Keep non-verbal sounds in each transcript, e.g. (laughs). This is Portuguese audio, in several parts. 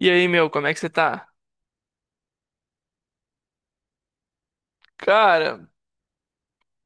E aí, meu, como é que você tá? Cara,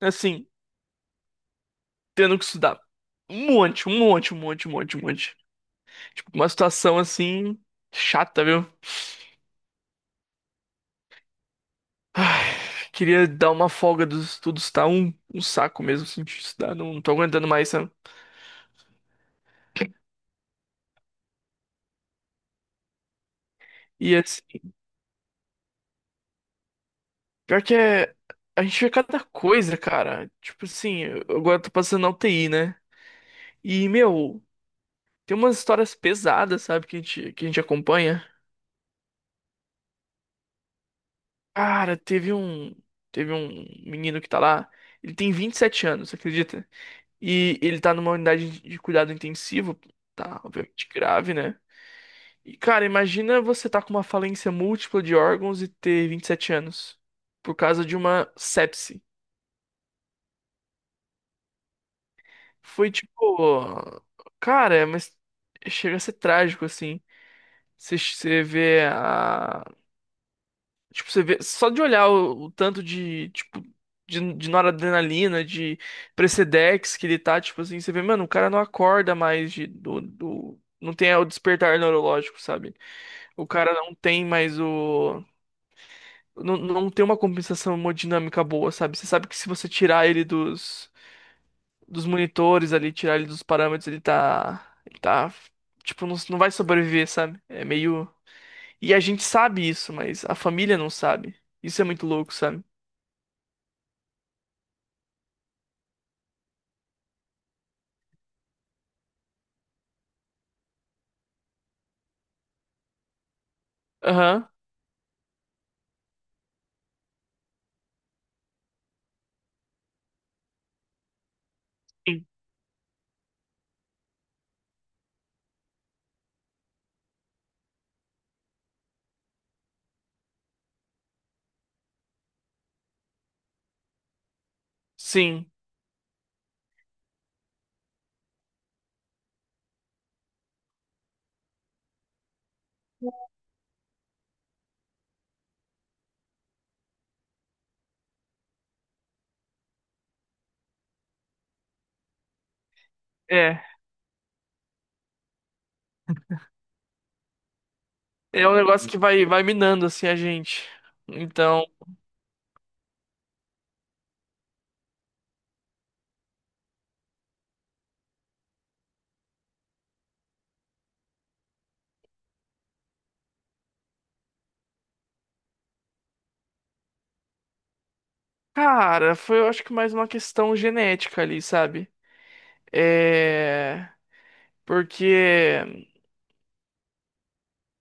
assim, tendo que estudar um monte, um monte, um monte, um monte, um monte. Tipo, uma situação assim, chata, viu? Ai, queria dar uma folga dos estudos, tá? Um saco mesmo, assim, de estudar, não tô aguentando mais, sabe? E assim, pior que é. A gente vê cada coisa, cara. Tipo assim, agora eu tô passando na UTI, né? E, meu, tem umas histórias pesadas, sabe, que a gente acompanha. Cara, teve um menino que tá lá. Ele tem 27 anos, acredita? E ele tá numa unidade de cuidado intensivo. Tá, obviamente grave, né? E, cara, imagina você tá com uma falência múltipla de órgãos e ter 27 anos. Por causa de uma sepse. Foi tipo. Cara, mas chega a ser trágico, assim. Você você vê a Tipo, você vê, só de olhar o tanto de, tipo, de noradrenalina, de Precedex que ele tá, tipo assim, você vê, mano, o cara não acorda mais não tem o despertar neurológico, sabe? O cara não tem mais o, não tem uma compensação hemodinâmica boa, sabe? Você sabe que se você tirar ele dos monitores ali, tirar ele dos parâmetros, ele tá, tipo, não vai sobreviver, sabe? É meio, e a gente sabe isso, mas a família não sabe. Isso é muito louco, sabe? Aham. Sim. Sim. É. É um negócio que vai minando, assim, a gente. Então, cara, eu acho que mais uma questão genética ali, sabe? É. Porque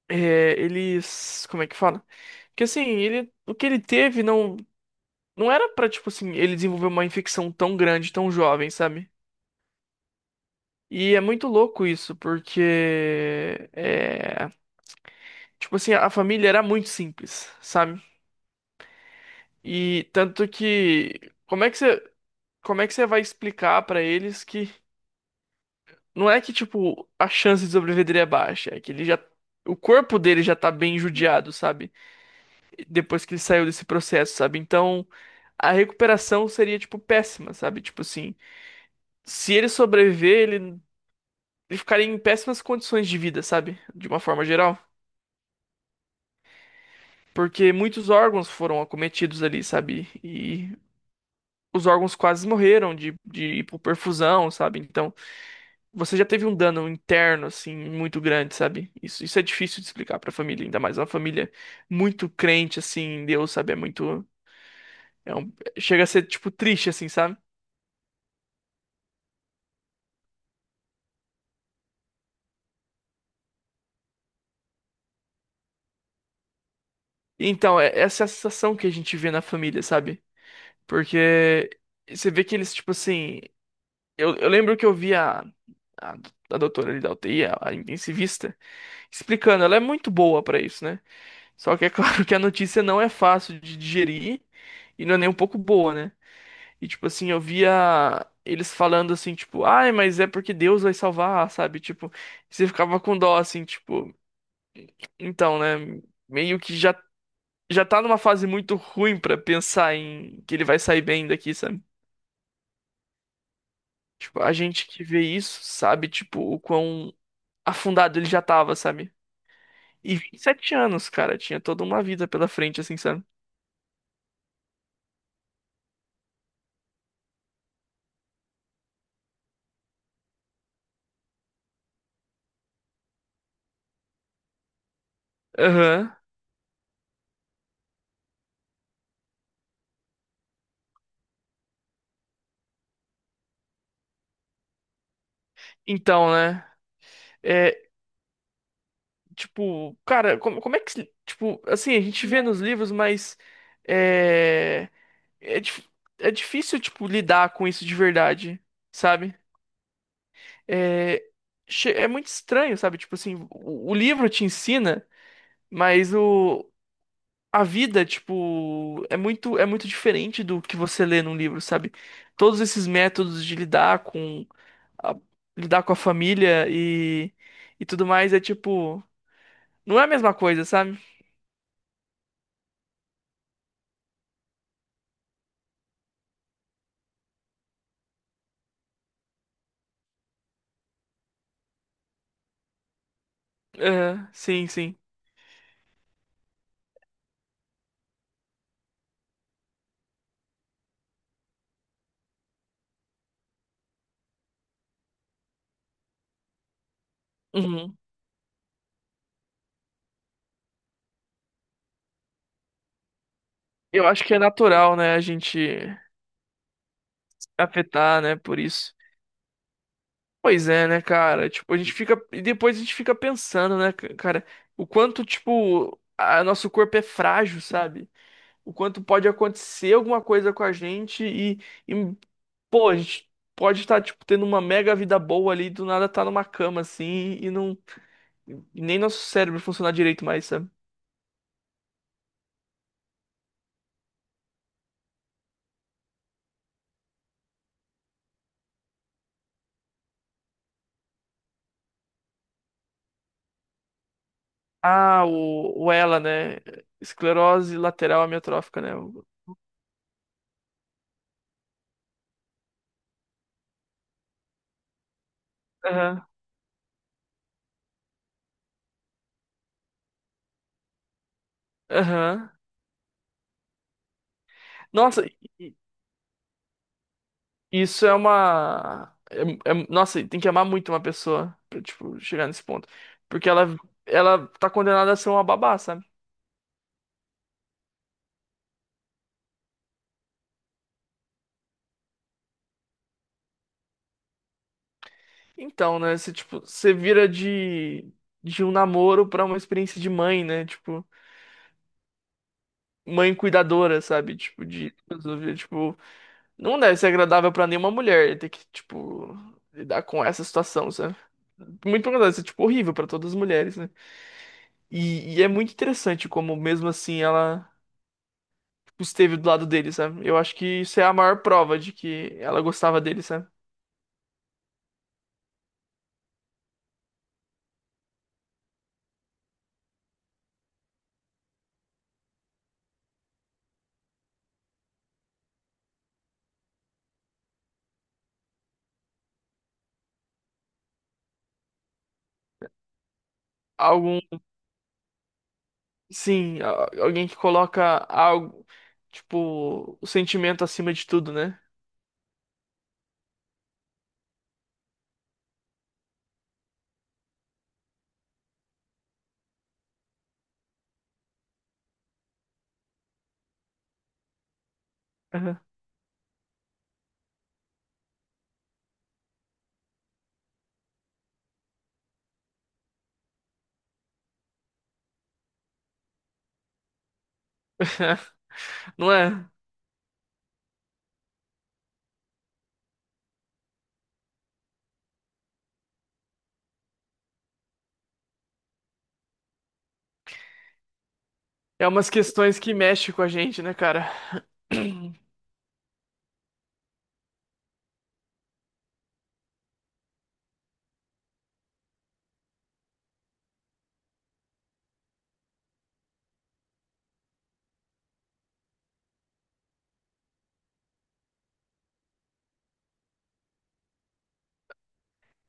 é, eles. Como é que fala? Que assim, o que ele teve não era pra, tipo assim, ele desenvolver uma infecção tão grande, tão jovem, sabe? E é muito louco isso, porque. É, tipo assim, a família era muito simples, sabe? E tanto que. Como é que você. Como é que você vai explicar pra eles que não é que tipo a chance de sobreviver dele é baixa, é que ele já o corpo dele já tá bem judiado, sabe? Depois que ele saiu desse processo, sabe? Então, a recuperação seria tipo péssima, sabe? Tipo assim, se ele sobreviver, ele ficaria em péssimas condições de vida, sabe? De uma forma geral, porque muitos órgãos foram acometidos ali, sabe? E os órgãos quase morreram de hipoperfusão, sabe? Então, você já teve um dano interno, assim, muito grande, sabe? Isso é difícil de explicar pra família, ainda mais uma família muito crente, assim, em Deus, sabe? É muito. É um, chega a ser, tipo, triste, assim, sabe? Então, é, essa é a sensação que a gente vê na família, sabe? Porque você vê que eles, tipo assim. Eu lembro que eu vi a doutora ali da UTI, a intensivista, explicando. Ela é muito boa pra isso, né? Só que é (laughs) claro que a notícia não é fácil de digerir e não é nem um pouco boa, né? E, tipo assim, eu via eles falando assim, tipo, ai, mas é porque Deus vai salvar, sabe? Tipo, você ficava com dó, assim, tipo, então, né? Meio que já tá numa fase muito ruim pra pensar em que ele vai sair bem daqui, sabe? Tipo, a gente que vê isso sabe, tipo, o quão afundado ele já tava, sabe? E vinte e sete anos, cara, tinha toda uma vida pela frente, assim, sabe? Aham. Então, né? É, tipo, cara, como é que. Tipo, assim, a gente vê nos livros, mas. É. É, dif- é difícil, tipo, lidar com isso de verdade, sabe? É. É muito estranho, sabe? Tipo assim, o livro te ensina, mas o. A vida, tipo, é muito diferente do que você lê num livro, sabe? Todos esses métodos de lidar com a, lidar com a, família e tudo mais é tipo, não é a mesma coisa, sabe? É, sim, sim. Uhum. Eu acho que é natural, né, a gente afetar, né, por isso. Pois é, né, cara? Tipo, a gente fica. E depois a gente fica pensando, né, cara, o quanto, tipo, a nosso corpo é frágil, sabe? O quanto pode acontecer alguma coisa com a gente e pô, a gente pode estar, tipo, tendo uma mega vida boa ali, do nada tá numa cama, assim, e não. E nem nosso cérebro funcionar direito mais, sabe? Ah, o ELA, né? Esclerose lateral amiotrófica, né? Aham. Aham. Nossa, isso é uma. Nossa, tem que amar muito uma pessoa pra, tipo, chegar nesse ponto. Porque ela tá condenada a ser uma babá, sabe? Então, né? Você, tipo, você vira de um namoro pra uma experiência de mãe, né? Tipo, mãe cuidadora, sabe? Tipo, de. Resolver. Tipo, não deve ser agradável pra nenhuma mulher ter que, tipo, lidar com essa situação, sabe? Muito pelo contrário, isso é, tipo, horrível pra todas as mulheres, né? E é muito interessante como, mesmo assim, ela. Esteve do lado dele, sabe? Eu acho que isso é a maior prova de que ela gostava dele, sabe? Algum, sim, alguém que coloca algo, tipo, o sentimento acima de tudo, né? Aham. (laughs) Não é? É umas questões que mexem com a gente, né, cara? (clears throat)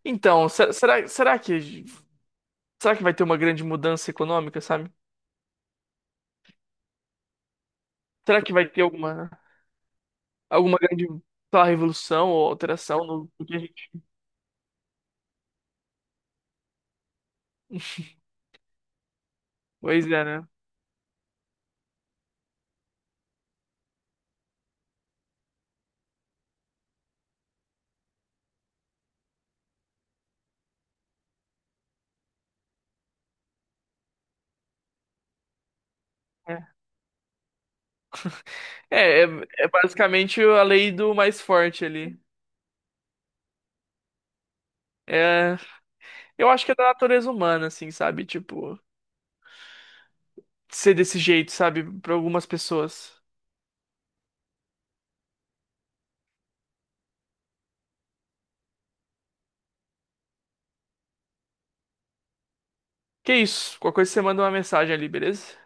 Então, será que será que vai ter uma grande mudança econômica, sabe? Será que vai ter alguma grande, sei lá, revolução ou alteração no que a gente. Pois é, né? É, é, é basicamente a lei do mais forte ali. É, eu acho que é da natureza humana, assim, sabe? Tipo, ser desse jeito, sabe? Pra algumas pessoas. Que isso? Qualquer coisa você manda uma mensagem ali, beleza?